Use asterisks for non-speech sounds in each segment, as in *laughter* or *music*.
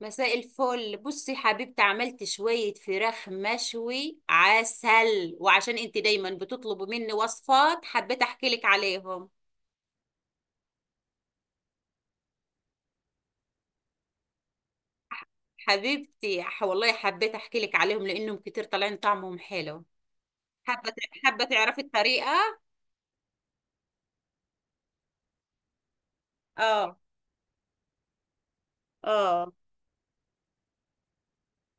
مساء الفل، بصي حبيبتي، عملت شوية فراخ مشوي عسل، وعشان انت دايما بتطلبي مني وصفات حبيت احكي لك عليهم. حبيبتي والله حبيت احكي لك عليهم لانهم كتير طالعين طعمهم حلو. حابة ت- حابة تعرفي الطريقة. اه اه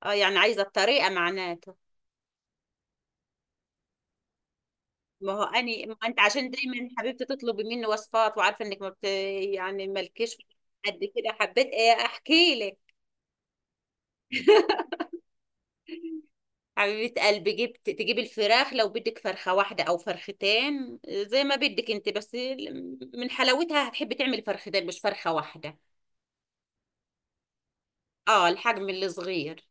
اه، يعني عايزة الطريقة معناته. ما هو اني ما انت عشان دايما حبيبتي تطلبي مني وصفات وعارفة انك ما بت... يعني مالكيش قد كده حبيت ايه احكي لك. حبيبة قلبي، جبت تجيب الفراخ لو بدك فرخة واحدة أو فرختين زي ما بدك انت، بس من حلاوتها هتحبي تعملي فرختين مش فرخة واحدة. اه، الحجم الصغير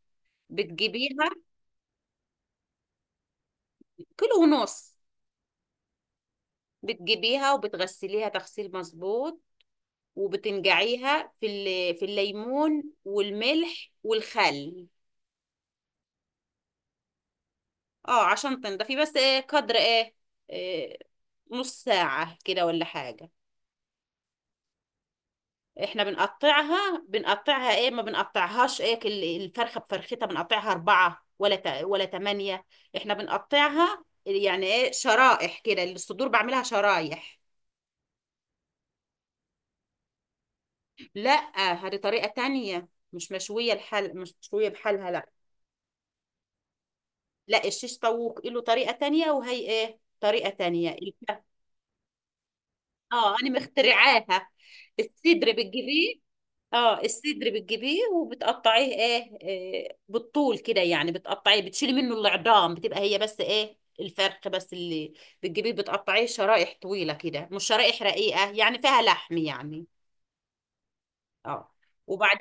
بتجيبيها. كيلو ونص. بتجيبيها وبتغسليها تغسيل مظبوط، وبتنقعيها في الليمون والملح والخل. اه عشان تنضفي، بس ايه قدر ايه، إيه، نص ساعة كده ولا حاجة. احنا بنقطعها، بنقطعها ايه، ما بنقطعهاش ايه، الفرخه بفرختها بنقطعها اربعه ولا تمانيه. احنا بنقطعها يعني ايه شرائح كده، الصدور بعملها شرايح. لا، هذه طريقه تانية مش مشويه، الحل مش مشويه بحالها، لا. لا، الشيش طاووق له طريقه تانية وهي ايه طريقه تانية اه انا مخترعاها. الصدر بتجيبيه، اه الصدر بتجيبيه وبتقطعيه ايه، آه، بالطول كده يعني، بتقطعيه بتشيلي منه العظام، بتبقى هي بس ايه الفرخ بس اللي بتجيبيه بتقطعيه شرائح طويلة كده، مش شرائح رقيقة يعني فيها لحم يعني. اه، وبعد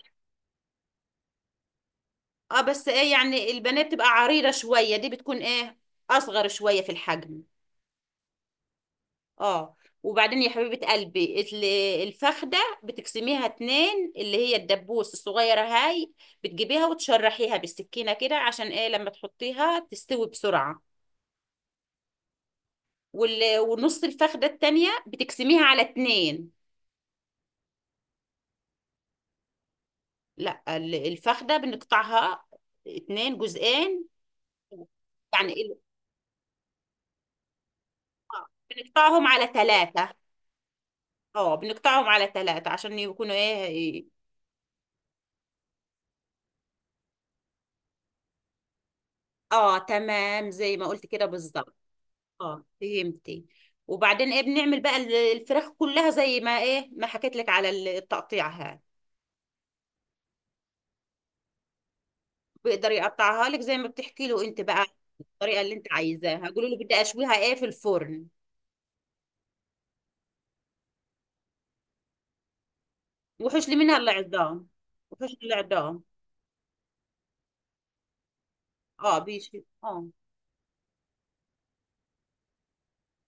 اه، بس ايه يعني البنات بتبقى عريضة شوية، دي بتكون ايه اصغر شوية في الحجم. اه، وبعدين يا حبيبة قلبي الفخدة بتقسميها اتنين، اللي هي الدبوس الصغيرة هاي، بتجيبيها وتشرحيها بالسكينة كده عشان ايه لما تحطيها تستوي بسرعة. وال- ونص الفخدة التانية بتقسميها على اتنين. لا الفخدة بنقطعها اتنين جزئين. يعني ال- آه، بنقطعهم على ثلاثة. اه بنقطعهم على ثلاثة عشان يكونوا ايه. اه، تمام زي ما قلت كده بالظبط. اه فهمتي؟ وبعدين ايه بنعمل بقى الفراخ كلها زي ما ايه ما حكيت لك على التقطيعها. بيقدر يقطعها لك زي ما بتحكي له انت بقى. الطريقه اللي انت عايزاها قولوا له بدي اشويها ايه في الفرن. وحش لي منها العظام، وحش لي العظام. اه بيشي اه،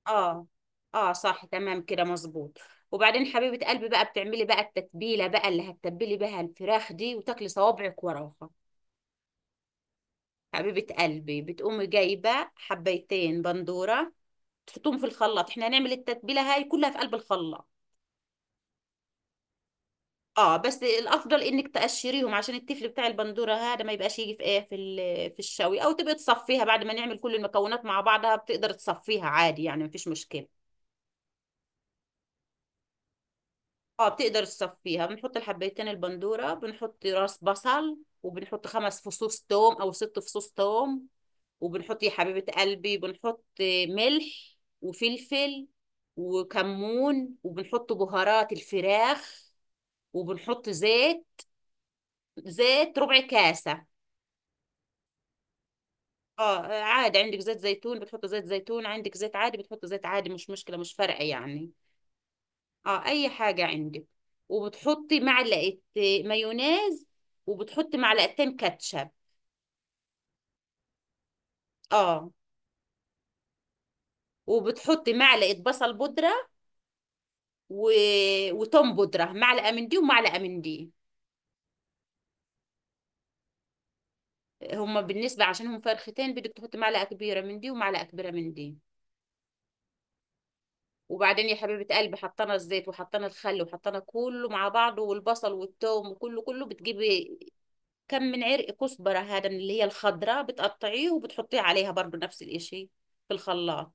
اه اه صح، تمام كده مظبوط. وبعدين حبيبه قلبي بقى بتعملي بقى التتبيله بقى اللي هتتبلي بها الفراخ دي وتاكلي صوابعك وراها. حبيبه قلبي، بتقومي جايبه حبيتين بندوره، تحطهم في الخلاط، احنا هنعمل التتبيله هاي كلها في قلب الخلاط. اه بس الافضل انك تقشريهم عشان التفل بتاع البندوره هذا ما يبقاش يجي في ايه في الشوي، او تبقى تصفيها بعد ما نعمل كل المكونات مع بعضها، بتقدر تصفيها عادي يعني مفيش مشكله. اه بتقدر تصفيها، بنحط الحبيتين البندوره، بنحط راس بصل، وبنحط 5 فصوص توم او 6 فصوص توم، وبنحط يا حبيبه قلبي بنحط ملح وفلفل وكمون، وبنحط بهارات الفراخ، وبنحط زيت، زيت ربع كاسة. اه عادي، عندك زيت زيتون بتحط زيت زيتون، عندك زيت عادي بتحط زيت عادي، مش مشكلة مش فارقة يعني. اه اي حاجة عندك، وبتحطي معلقة مايونيز، وبتحطي معلقتين كاتشب. اه، وبتحطي معلقة بصل بودرة، و... وتوم بودرة معلقة من دي ومعلقة من دي. هما بالنسبة عشان هم فرختين بدك تحطي معلقة كبيرة من دي ومعلقة كبيرة من دي. وبعدين يا حبيبة قلبي حطينا الزيت وحطينا الخل وحطينا كله مع بعضه، والبصل والثوم وكله بتجيبي كم من عرق كزبرة هذا من اللي هي الخضراء، بتقطعيه وبتحطيه عليها برضو نفس الاشي في الخلاط.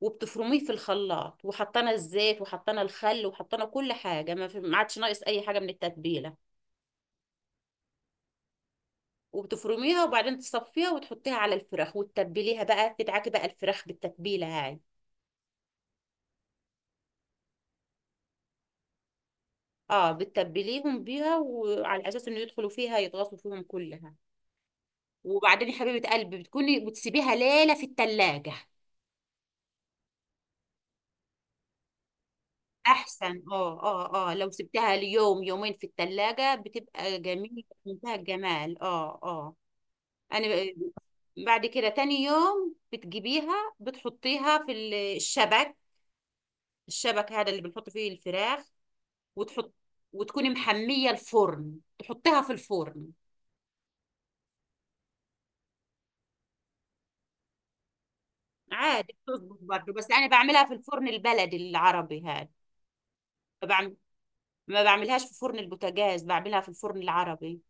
وبتفرميه في الخلاط، وحطينا الزيت وحطينا الخل وحطينا كل حاجة، ما عادش ناقص أي حاجة من التتبيلة. وبتفرميها وبعدين تصفيها وتحطيها على الفراخ وتتبليها بقى، تدعكي بقى الفراخ بالتتبيلة هاي. اه بتتبليهم بيها، وعلى أساس إنه يدخلوا فيها يتغاصوا فيهم كلها. وبعدين يا حبيبة قلبي بتكوني بتسيبيها ليلة في التلاجة، احسن. اه اه اه، لو سبتها ليوم يومين في التلاجة بتبقى جميلة منتهى الجمال، اه اه. انا ب- بعد كده تاني يوم بتجيبيها بتحطيها الشبك، الشبك هذا اللي بنحط فيه الفراخ، وتحط، وتكوني محمية الفرن تحطيها في الفرن. عادي بتظبط برضه، بس انا بعملها في الفرن البلدي العربي، هذا ما بعملهاش في فرن البوتاجاز، بعملها في الفرن العربي.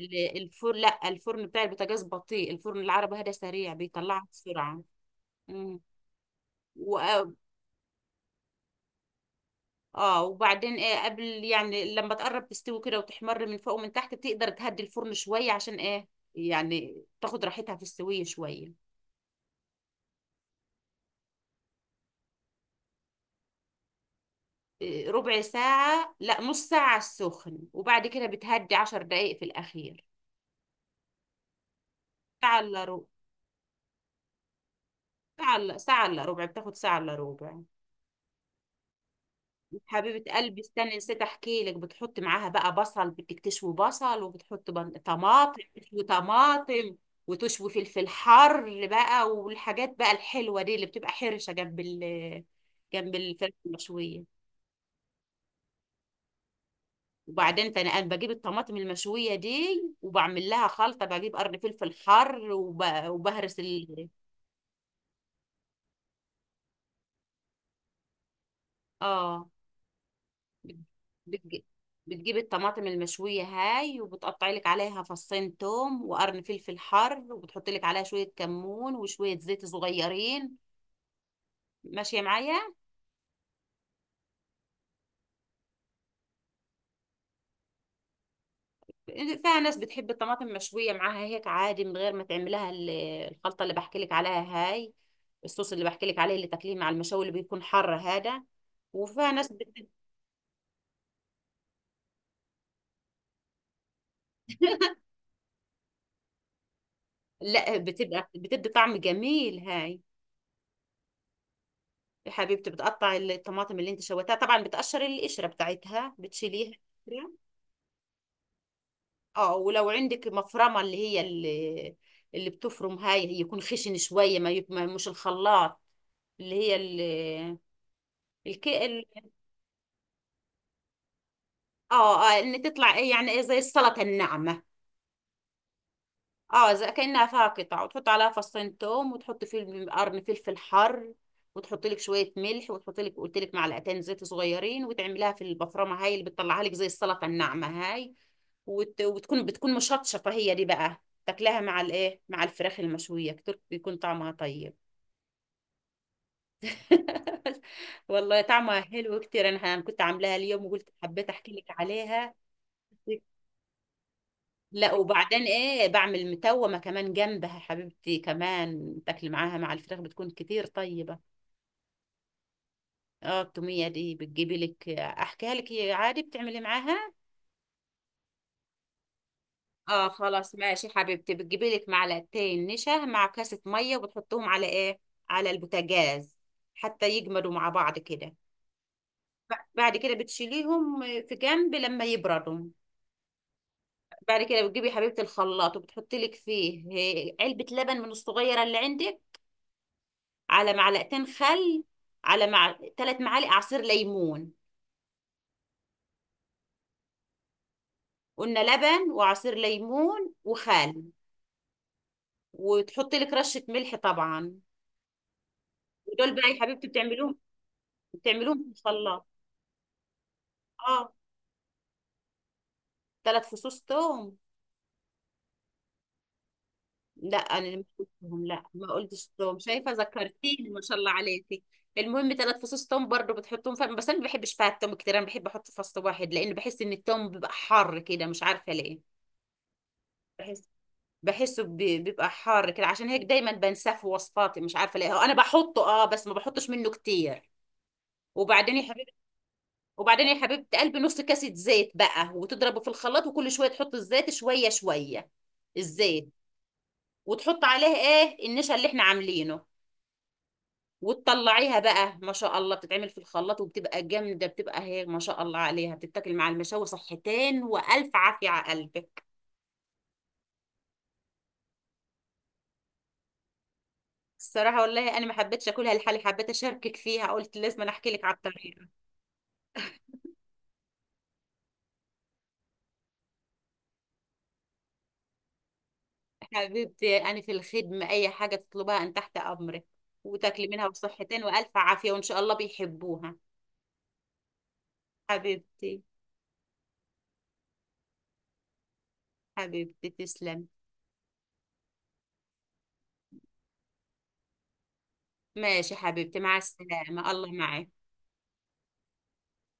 الفرن، لا الفرن بتاع البوتاجاز بطيء، الفرن العربي هذا سريع بيطلعها بسرعة. امم و... اه وبعدين ايه قبل يعني لما تقرب تستوي كده وتحمر من فوق ومن تحت بتقدر تهدي الفرن شوية عشان ايه يعني تاخد راحتها في السوية شوية. إيه، ربع ساعة، لا نص ساعة على السخن، وبعد كده بتهدي 10 دقايق في الأخير. ساعة إلا ربع، ساعة إلا ربع بتاخد ساعة إلا ربع. حبيبة قلبي استني، نسيت احكي لك، بتحط معاها بقى بصل، بدك تشوي بصل، وبتحط طماطم، تشوي طماطم، وتشوي فلفل حر بقى، والحاجات بقى الحلوة دي اللي بتبقى حرشة جنب جنب الفراخ المشوية. وبعدين ده أنا بجيب الطماطم المشوية دي وبعمل لها خلطة، بجيب قرن فلفل حر وبهرس ال، اه بت- بتج- بتجيب الطماطم المشوية هاي وبتقطعي لك عليها فصين توم وقرن فلفل حر، وبتحطي لك عليها شوية كمون وشوية زيت صغيرين. ماشية معايا؟ فيها ناس بتحب الطماطم مشوية معاها هيك عادي من غير ما تعملها الخلطة اللي بحكي لك عليها هاي، الصوص اللي بحكي لك عليه اللي تاكليه مع المشاوي اللي بيكون حر هذا، وفيها ناس بت... لا بتبقى بتدي طعم جميل هاي. يا حبيبتي بتقطع الطماطم اللي انت شويتها طبعا، بتقشر القشرة بتاعتها بتشيليها. اه ولو عندك مفرمة اللي هي اللي، اللي بتفرم هاي يكون خشن شوية، ما يك... ما- مش الخلاط، اللي هي ال... الك... ال... اه اه، ان تطلع ايه يعني ايه زي السلطة الناعمة. اه زي كأنها فيها قطع، وتحط عليها فصين توم وتحط فيه القرن فلفل حر، وتحط لك شويه ملح، وتحط لك قلت لك معلقتين زيت صغيرين، وتعمليها في البفرمه هاي اللي بتطلعها لك زي السلطه الناعمه هاي، وتكون بتكون مشطشطه هي، دي بقى تاكلها مع الايه مع الفراخ المشويه كتير بيكون طعمها طيب. *laughs* والله طعمها حلو كتير، أنا كنت عاملاها اليوم وقلت حبيت احكي لك عليها. لا وبعدين ايه بعمل متومه كمان جنبها حبيبتي، كمان تاكلي معاها مع الفراخ بتكون كتير طيبه. اه التوميه دي بتجيبي لك، احكيها لك، هي عادي بتعملي معاها. اه خلاص ماشي حبيبتي، بتجيبي لك معلقتين نشا مع كاسه ميه وبتحطهم على ايه، على البوتاجاز، حتى يجمدوا مع بعض كده. بعد كده بتشيليهم في جنب لما يبردوا. بعد كده بتجيبي يا حبيبتي الخلاط وبتحطي لك فيه آه، علبه لبن من الصغيره اللي عندك، على معلقتين خل، 3 معالق عصير ليمون. قلنا لبن وعصير ليمون وخل، وتحطي لك رشة ملح طبعا. ودول بقى يا حبيبتي بتعملوهم في الخلاط. اه 3 فصوص توم. لا انا اللي مش قلتهم، لا ما قلتش توم، شايفه ذكرتيني ما شاء الله عليكي. المهم 3 فصوص توم برضو بتحطهم فم، بس انا ما بحبش فيها التوم كتير، انا بحب احط فص واحد، لان بحس ان التوم بيبقى حر كده مش عارفه ليه. بحس بحسه بيبقى حار كده، عشان هيك دايما بنساه في وصفاتي مش عارفه ليه، هو انا بحطه اه بس ما بحطش منه كتير. وبعدين يا حبيبتي وبعدين يا حبيبتي قلبي نص كاسة زيت بقى، وتضربه في الخلاط، وكل شويه تحط الزيت شويه شويه الزيت، وتحط عليه ايه النشا اللي احنا عاملينه. وتطلعيها بقى، ما شاء الله بتتعمل في الخلاط وبتبقى جامده، بتبقى هيك ما شاء الله عليها، بتتاكل مع المشاوي، صحتين والف عافيه على قلبك. الصراحه والله انا ما حبيتش اكلها لحالي، حبيت اشاركك فيها، قلت لازم أنا احكي لك على الطريقه. حبيبتي أنا في الخدمة، أي حاجة تطلبها أن تحت أمرك، وتاكلي منها بصحتين وألف عافية وإن شاء الله بيحبوها. حبيبتي، حبيبتي تسلم. ماشي حبيبتي، مع السلامة، الله معك.